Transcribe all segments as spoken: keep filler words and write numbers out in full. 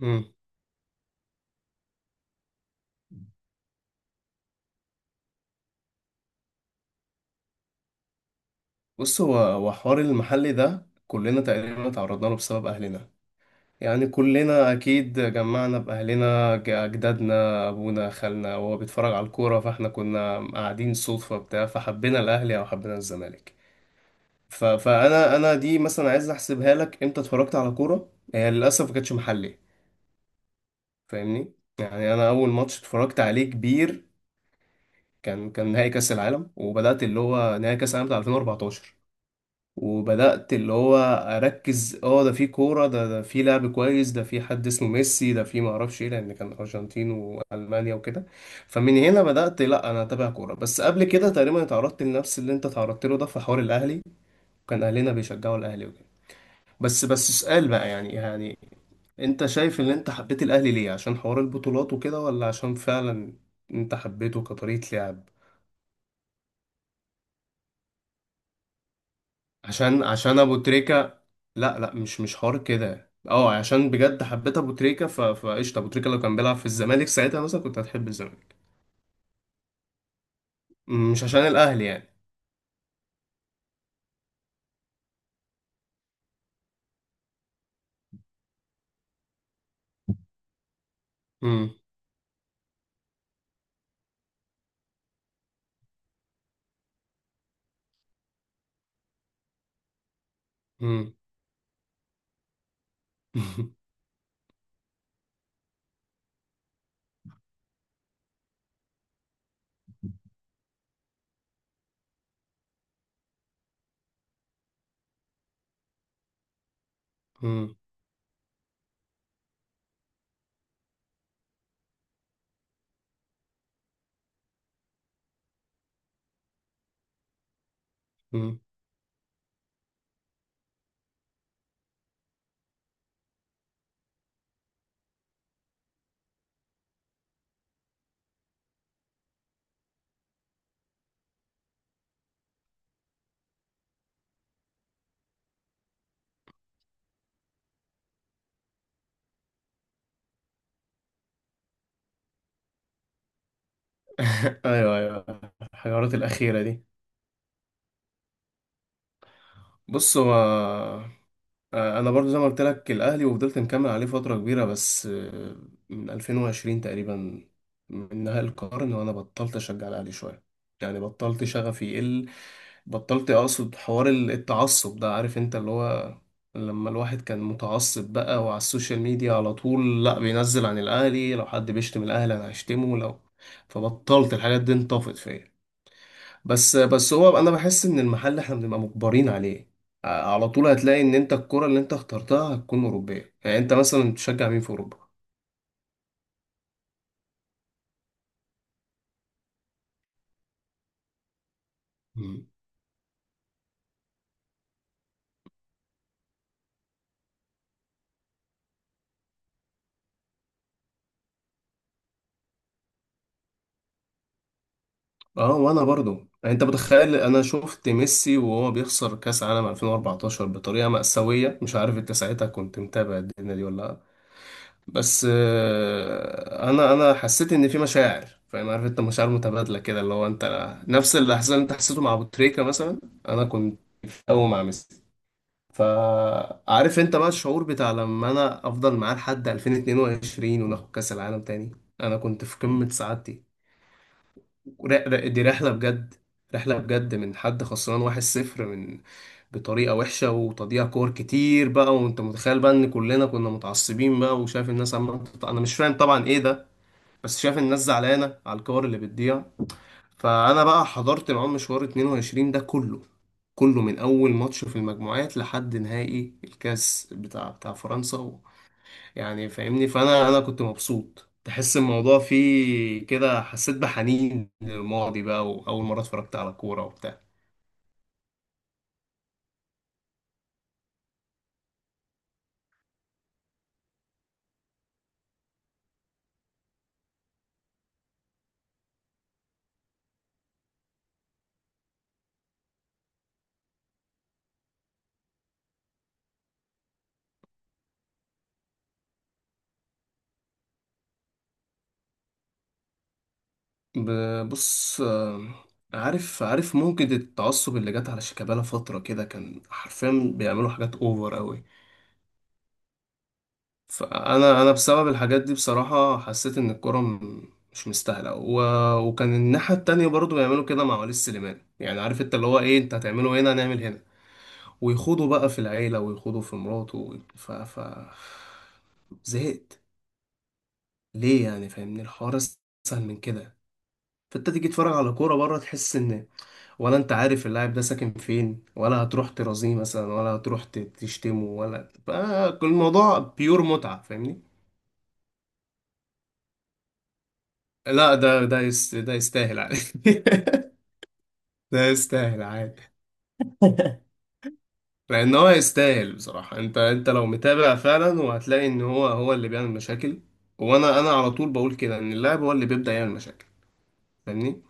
مم. بص هو هو حوار المحل ده، كلنا تقريبا تعرضنا له بسبب اهلنا، يعني كلنا اكيد جمعنا باهلنا، ج- اجدادنا، ابونا، خالنا، وهو بيتفرج على الكوره، فاحنا كنا قاعدين صدفه بتاع، فحبينا الاهلي او حبينا الزمالك. ف... فانا انا دي مثلا عايز احسبها لك، امتى اتفرجت على كوره؟ هي للاسف ما كانتش محلي، فاهمني. يعني انا اول ماتش اتفرجت عليه كبير كان كان نهائي كاس العالم، وبدات اللي هو نهائي كاس العالم بتاع ألفين وأربعتاشر، وبدأت اللي هو أركز، اه ده في كورة، ده ده في لعب كويس، ده في حد اسمه ميسي، ده في معرفش ايه، لأن كان أرجنتين وألمانيا وكده. فمن هنا بدأت، لأ أنا أتابع كورة. بس قبل كده تقريبا اتعرضت لنفس اللي أنت اتعرضت له، ده في حوار الأهلي، وكان أهلنا بيشجعوا الأهلي وكده. بس بس سؤال بقى، يعني يعني أنت شايف إن أنت حبيت الأهلي ليه؟ عشان حوار البطولات وكده، ولا عشان فعلا أنت حبيته كطريقة لعب؟ عشان عشان ابو تريكة. لا لا، مش مش حوار كده، اه عشان بجد حبيت ابو تريكة، ف... فقشطة ابو تريكة لو كان بيلعب في الزمالك ساعتها مثلا كنت هتحب الزمالك، م- مش عشان الاهلي يعني. امم امم امم امم ايوه، ايوه، الحوارات الاخيرة دي. بص هو، آه، انا برضو زي ما قلت لك الاهلي، وفضلت مكمل عليه فترة كبيرة. بس آه، من ألفين وعشرين تقريبا، من نهاية القرن، وانا بطلت اشجع الاهلي شوية، يعني بطلت، شغفي يقل، بطلت اقصد حوار ال- التعصب ده. عارف انت اللي هو لما الواحد كان متعصب بقى، وعلى السوشيال ميديا على طول، لا بينزل عن الاهلي لو حد بيشتم الاهلي انا هشتمه لو. فبطلت الحاجات دي، انطفت فيا. بس بس هو انا بحس ان المحل احنا بنبقى مجبرين عليه. ع- على طول هتلاقي ان انت الكرة اللي انت اخترتها هتكون اوروبية، يعني انت مثلا بتشجع مين في اوروبا؟ اه، وانا برضو، انت متخيل انا شفت ميسي وهو بيخسر كاس عالم ألفين وأربعتاشر بطريقه مأساويه، مش عارف انت ساعتها كنت متابع الدنيا دي ولا لا؟ بس آه، انا انا حسيت ان في مشاعر، فاهم؟ عارف انت مشاعر متبادله كده، اللي هو انت نفس الاحساس اللي انت حسيته مع ابو تريكه مثلا. انا كنت قوي مع ميسي، فعارف انت بقى الشعور بتاع لما انا افضل معاه لحد ألفين واتنين وعشرين وناخد كاس العالم تاني. انا كنت في قمه سعادتي. ر- ر- دي رحلة بجد، رحلة بجد، من حد خسران واحد صفر، من، بطريقة وحشة وتضييع كور كتير بقى، وانت متخيل بقى ان كلنا كنا متعصبين بقى وشايف الناس عمالة تط- انا مش فاهم طبعا ايه ده. بس شايف الناس زعلانة على الكور اللي بتضيع. فانا بقى حضرت معاهم مشوار اتنين وعشرين ده كله، كله من اول ماتش في المجموعات لحد نهائي الكاس بتاع بتاع فرنسا، يعني، فاهمني. فانا انا كنت مبسوط، تحس الموضوع فيه كده، حسيت بحنين للماضي بقى، واول مره اتفرجت على كوره وبتاع. ب- بص آه، عارف عارف ممكن التعصب اللي جت على شيكابالا فتره كده كان حرفيا بيعملوا حاجات اوفر قوي. فانا انا بسبب الحاجات دي، بصراحه، حسيت ان الكوره م- مش مستاهله، و- وكان الناحيه التانية برضو بيعملوا كده مع وليد سليمان. يعني عارف انت اللي هو ايه، انت هتعمله هنا هنعمل هنا، ويخوضوا بقى في العيلة، ويخوضوا في مراته، و- ف... ف... زهقت. ليه يعني؟ فاهمني، الحوار اسهل من كده. فانت تيجي تتفرج على كورة بره، تحس ان، ولا انت عارف اللاعب ده ساكن فين، ولا هتروح ترازيه مثلا، ولا هتروح ت- تشتمه، ولا بقى كل الموضوع بيور متعة، فاهمني. لا، ده ده يس... ده يستاهل عادي. ده يستاهل عادي. لان هو يستاهل بصراحه. انت انت لو متابع فعلا وهتلاقي ان هو هو اللي بيعمل مشاكل، وانا انا على طول بقول كده ان اللاعب هو اللي بيبدا يعمل مشاكل، فاهمني.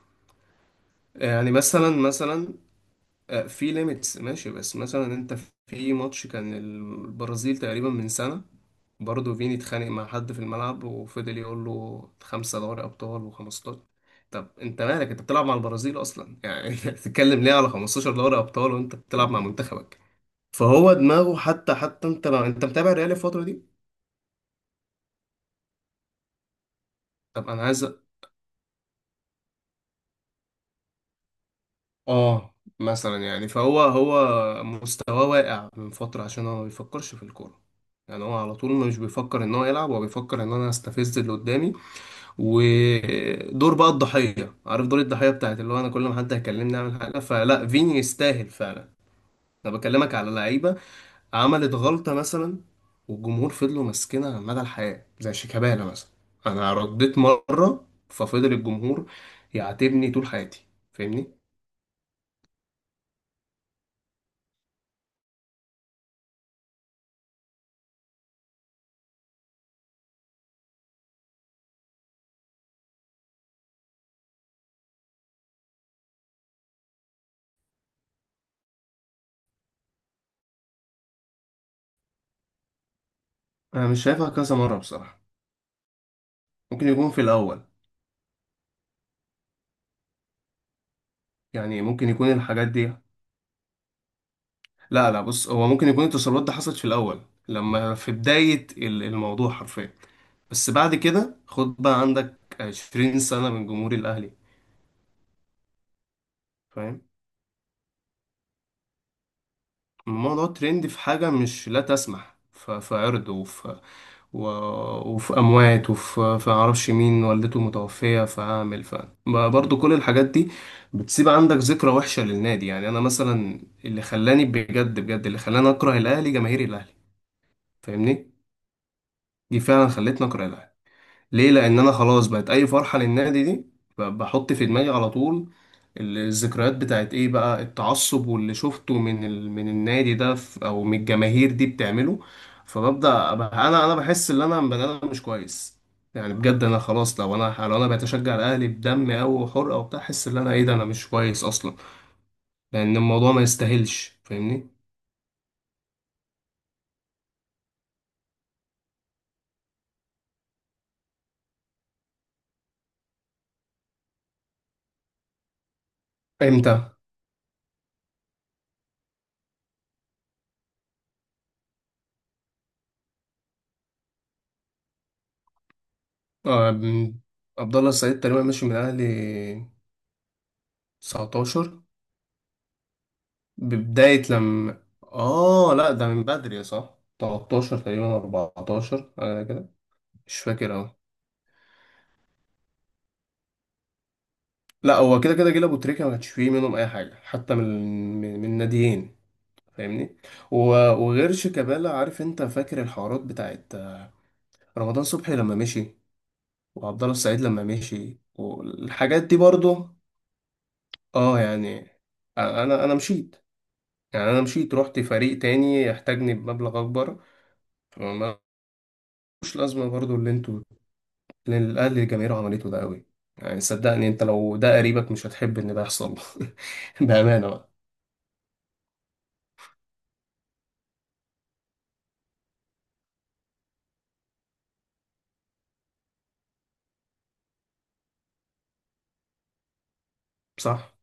يعني مثلا مثلا آه، في ليميتس ماشي، بس مثلا انت، في ماتش كان البرازيل تقريبا من سنه، برضه فيني اتخانق مع حد في الملعب، وفضل يقول له خمسة دوري أبطال وخمستاشر. طب أنت مالك؟ أنت بتلعب مع البرازيل أصلا يعني. أنت بتتكلم ليه على 15 دوري أبطال وأنت بتلعب مع منتخبك؟ فهو دماغه، حتى حتى انت لو انت متابع الريال الفترة دي. طب انا عايز أ- اه مثلا يعني، فهو هو مستواه واقع من فترة، عشان هو ما بيفكرش في الكورة. يعني هو على طول مش بيفكر ان هو يلعب، هو بيفكر ان انا استفز اللي قدامي ودور بقى الضحية، عارف دور الضحية بتاعت اللي هو انا كل ما حد هيكلمني اعمل حاجة. فلا، فيني يستاهل فعلا. انا بكلمك على لعيبة عملت غلطة مثلا، والجمهور فضلوا ماسكينها مدى الحياة، زي شيكابالا مثلا، أنا رديت مرة ففضل الجمهور يعاتبني طول حياتي، فاهمني؟ أنا مش شايفها كذا مرة بصراحة. ممكن يكون في الأول، يعني ممكن يكون الحاجات دي، لا لا، بص هو ممكن يكون التصرفات دي حصلت في الأول، لما في بداية ال- الموضوع حرفيا. بس بعد كده، خد بقى عندك عشرين سنة من جمهور الأهلي، فاهم؟ الموضوع ترند في حاجة مش، لا تسمح ف- في عرض، و... وفي اموات، وفي في معرفش مين والدته متوفيه، فاعمل ف برضه كل الحاجات دي بتسيب عندك ذكرى وحشه للنادي. يعني انا مثلا، اللي خلاني بجد بجد، اللي خلاني اكره الاهلي جماهير الاهلي، فاهمني، دي فعلا خلتني اكره الاهلي. ليه؟ لان انا خلاص، بقت اي فرحه للنادي دي ب- بحط في دماغي على طول الذكريات بتاعت ايه بقى، التعصب واللي شفته من ال... من النادي ده في... او من الجماهير دي بتعمله. فببدأ أبقى انا انا بحس ان انا بني ادم مش كويس، يعني بجد انا خلاص، لو انا لو انا بتشجع الاهلي بدم او وحرقه وبتاع، احس ان انا ايه ده، انا مش كويس اصلا، لان الموضوع ما يستاهلش، فاهمني. امتى؟ آه، م- عبد الله السعيد تقريبا ماشي من الاهلي تسعة عشر. ببداية لما، اه لا، ده من بدري، صح، تلتاشر تقريبا اربعتاشر حاجة، مش فاكر، اه. لا، هو كده كده جيل ابو تريكه، ما كانش فيه منهم اي حاجه، حتى من من من ناديين، فاهمني. و- وغير شيكابالا، عارف انت، فاكر الحوارات بتاعت رمضان صبحي لما مشي، وعبد الله السعيد لما مشي والحاجات دي برضه، اه يعني، انا انا مشيت. يعني انا مشيت، رحت فريق تاني يحتاجني بمبلغ اكبر، فما- ملوش لازمه برضه اللي انتوا اللي الاهلي الجماهير عملته ده قوي. يعني صدقني، انت لو ده قريبك مش هتحب ان ده يحصل. بامانه بقى، صح.